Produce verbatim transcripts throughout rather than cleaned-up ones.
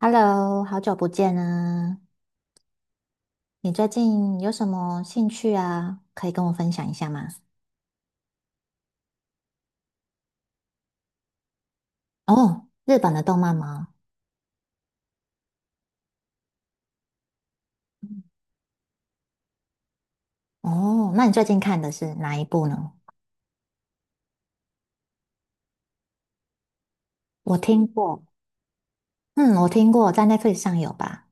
Hello，好久不见啊！你最近有什么兴趣啊？可以跟我分享一下吗？哦，日本的动漫吗？哦，那你最近看的是哪一部呢？我听过，嗯，我听过，在 Netflix 上有吧？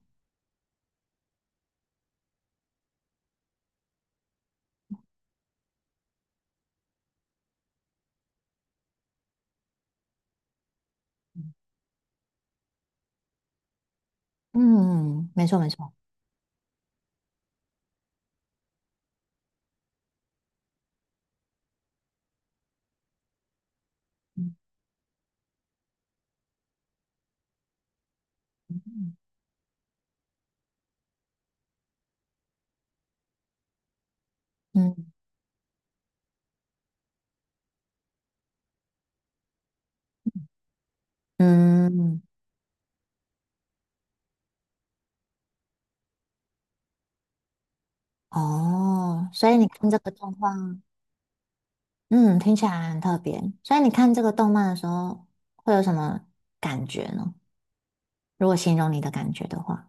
嗯，没错没错，嗯嗯，嗯哦，所以你看这个动漫，嗯，听起来很特别。所以你看这个动漫的时候，会有什么感觉呢？如果形容你的感觉的话，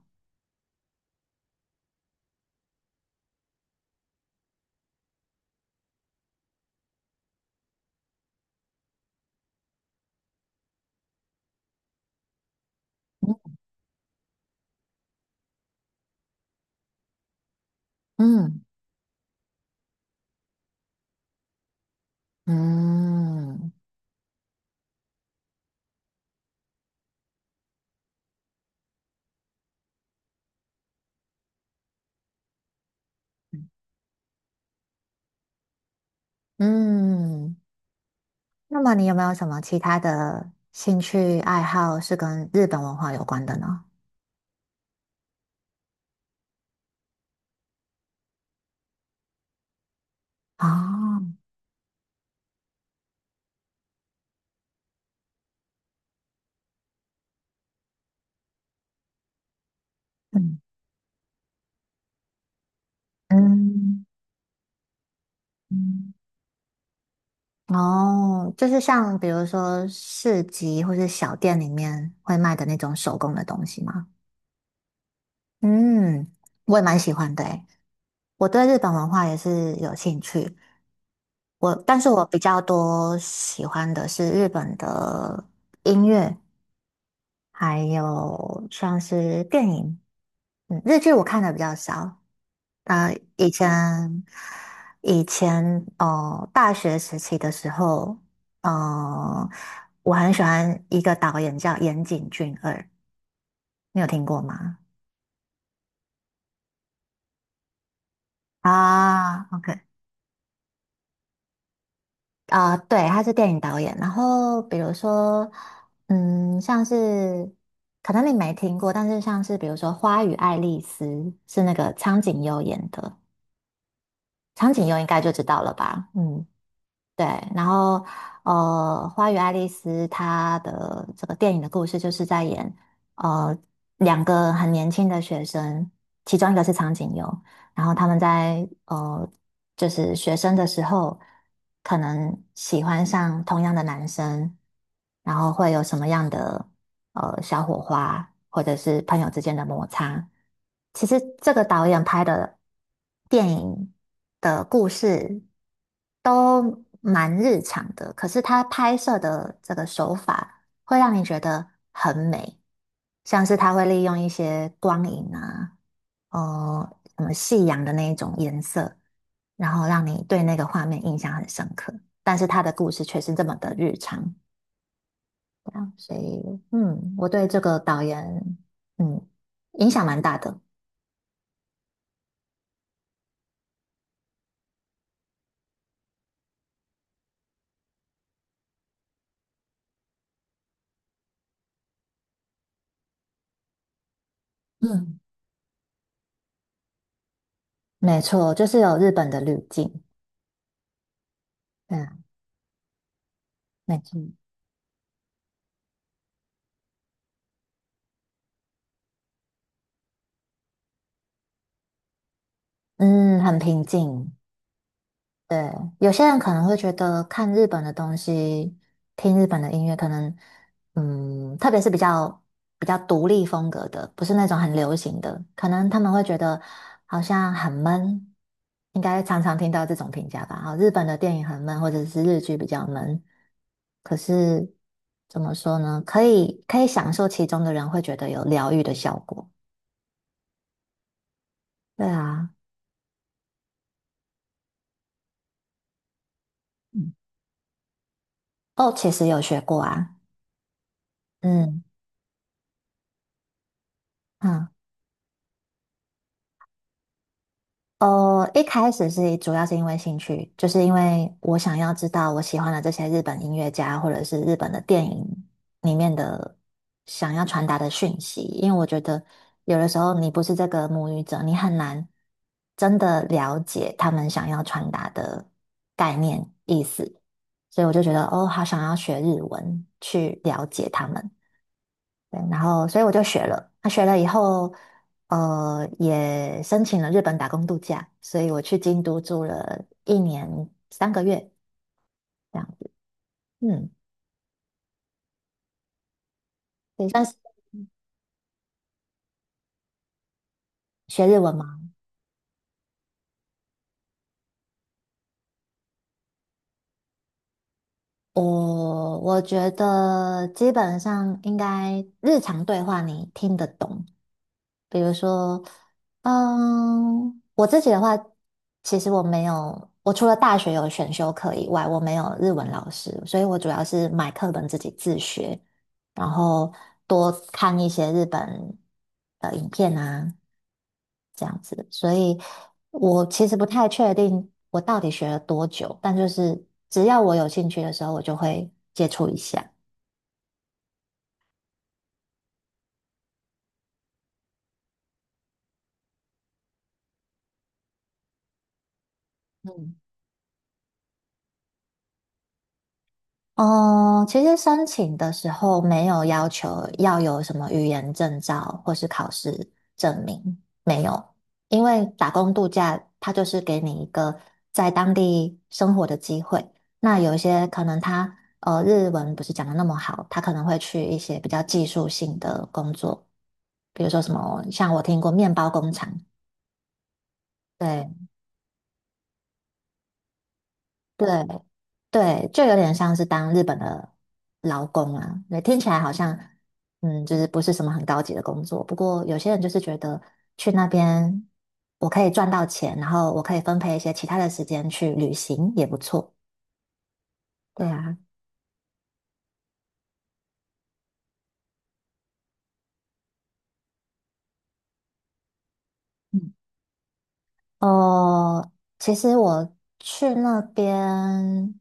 嗯。嗯嗯嗯，那么你有没有什么其他的兴趣爱好是跟日本文化有关的呢？哦，嗯嗯嗯，哦，就是像比如说市集或是小店里面会卖的那种手工的东西吗？嗯，我也蛮喜欢的诶，我对日本文化也是有兴趣。我，但是我比较多喜欢的是日本的音乐，还有像是电影，嗯，日剧我看的比较少。啊。以前以前哦，呃大学时期的时候，呃，我很喜欢一个导演叫岩井俊二，你有听过吗？啊，OK，啊、对，他是电影导演。然后比如说，嗯，像是可能你没听过，但是像是比如说《花与爱丽丝》是那个苍井优演的。长井优应该就知道了吧？嗯，对。然后，呃，《花与爱丽丝》它的这个电影的故事就是在演，呃，两个很年轻的学生，其中一个是长井优，然后他们在呃，就是学生的时候，可能喜欢上同样的男生，然后会有什么样的？呃小火花，或者是朋友之间的摩擦。其实这个导演拍的电影的故事都蛮日常的，可是他拍摄的这个手法会让你觉得很美，像是他会利用一些光影啊，呃，什么夕阳的那一种颜色，然后让你对那个画面印象很深刻。但是他的故事却是这么的日常，啊所以嗯，我对这个导演嗯影响蛮大的。嗯，没错，就是有日本的滤镜。对啊没错。嗯，很平静。对，有些人可能会觉得看日本的东西，听日本的音乐，可能嗯，特别是比较比较独立风格的，不是那种很流行的，可能他们会觉得好像很闷，应该常常听到这种评价吧。啊，日本的电影很闷，或者是日剧比较闷。可是怎么说呢？可以可以享受其中的人会觉得有疗愈的效果。对啊，嗯，哦，其实有学过啊，嗯嗯。哦，一开始是主要是因为兴趣，就是因为我想要知道我喜欢的这些日本音乐家或者是日本的电影里面的想要传达的讯息，因为我觉得有的时候你不是这个母语者，你很难真的了解他们想要传达的概念意思，所以我就觉得哦，好想要学日文去了解他们。对，然后所以我就学了。那学了以后，呃，也申请了日本打工度假，所以我去京都住了一年三个月这样子。嗯，对，算是学日文吗？我我觉得基本上应该日常对话你听得懂，比如说，嗯，我自己的话，其实我没有，我除了大学有选修课以外，我没有日文老师，所以我主要是买课本自己自学，然后多看一些日本的影片啊，这样子。所以我其实不太确定我到底学了多久，但就是只要我有兴趣的时候，我就会接触一下。嗯哦，其实申请的时候没有要求要有什么语言证照或是考试证明，没有，因为打工度假它就是给你一个在当地生活的机会。那有一些可能他呃日文不是讲的那么好，他可能会去一些比较技术性的工作，比如说什么像我听过面包工厂，对对对，就有点像是当日本的劳工啊。对，听起来好像，嗯，就是不是什么很高级的工作。不过有些人就是觉得去那边，我可以赚到钱，然后我可以分配一些其他的时间去旅行，也不错。对啊，哦，其实我去那边，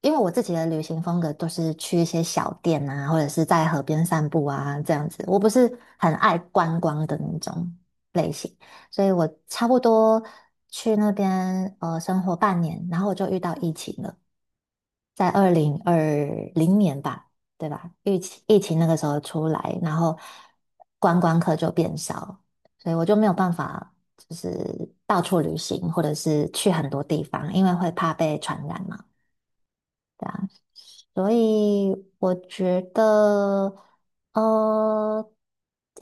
因为我自己的旅行风格都是去一些小店啊，或者是在河边散步啊，这样子。我不是很爱观光的那种类型，所以我差不多去那边呃生活半年，然后我就遇到疫情了。在二零二零年吧，对吧？疫情疫情那个时候出来，然后观光客就变少，所以我就没有办法就是到处旅行，或者是去很多地方，因为会怕被传染嘛。所以我觉得，呃，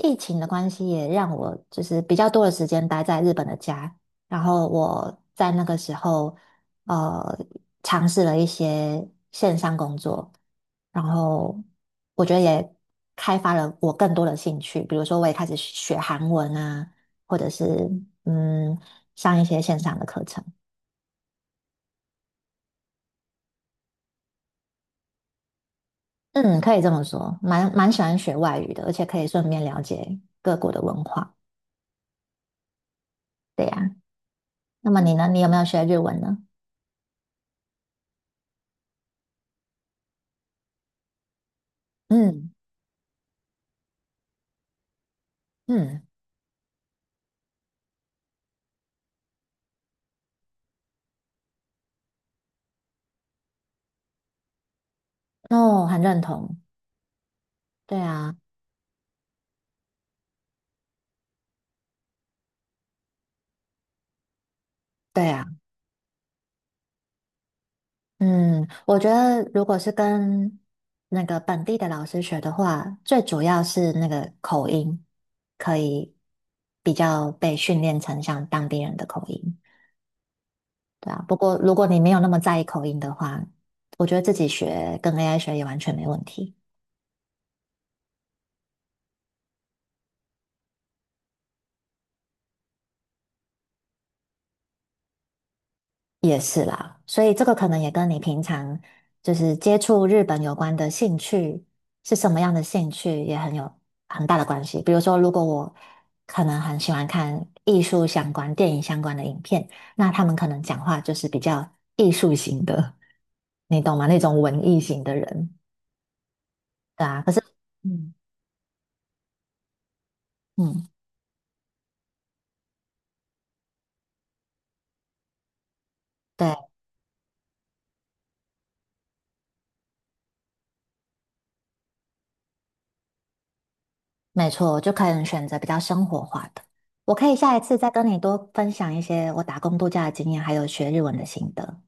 疫情的关系也让我就是比较多的时间待在日本的家，然后我在那个时候，呃，尝试了一些线上工作，然后我觉得也开发了我更多的兴趣，比如说我也开始学韩文啊，或者是嗯，上一些线上的课程。嗯，可以这么说，蛮蛮喜欢学外语的，而且可以顺便了解各国的文化。对呀，那么你呢？你有没有学日文呢？嗯嗯，哦，很认同。对啊，对啊，嗯，我觉得如果是跟那个本地的老师学的话，最主要是那个口音可以比较被训练成像当地人的口音。对啊，不过如果你没有那么在意口音的话，我觉得自己学跟 A I 学也完全没问题。也是啦，所以这个可能也跟你平常就是接触日本有关的兴趣是什么样的兴趣也很有很大的关系。比如说，如果我可能很喜欢看艺术相关、电影相关的影片，那他们可能讲话就是比较艺术型的，你懂吗？那种文艺型的人，对啊。可是，嗯嗯，对，没错，就可能选择比较生活化的。我可以下一次再跟你多分享一些我打工度假的经验，还有学日文的心得。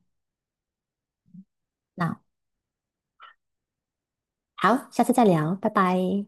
那好，下次再聊，拜拜。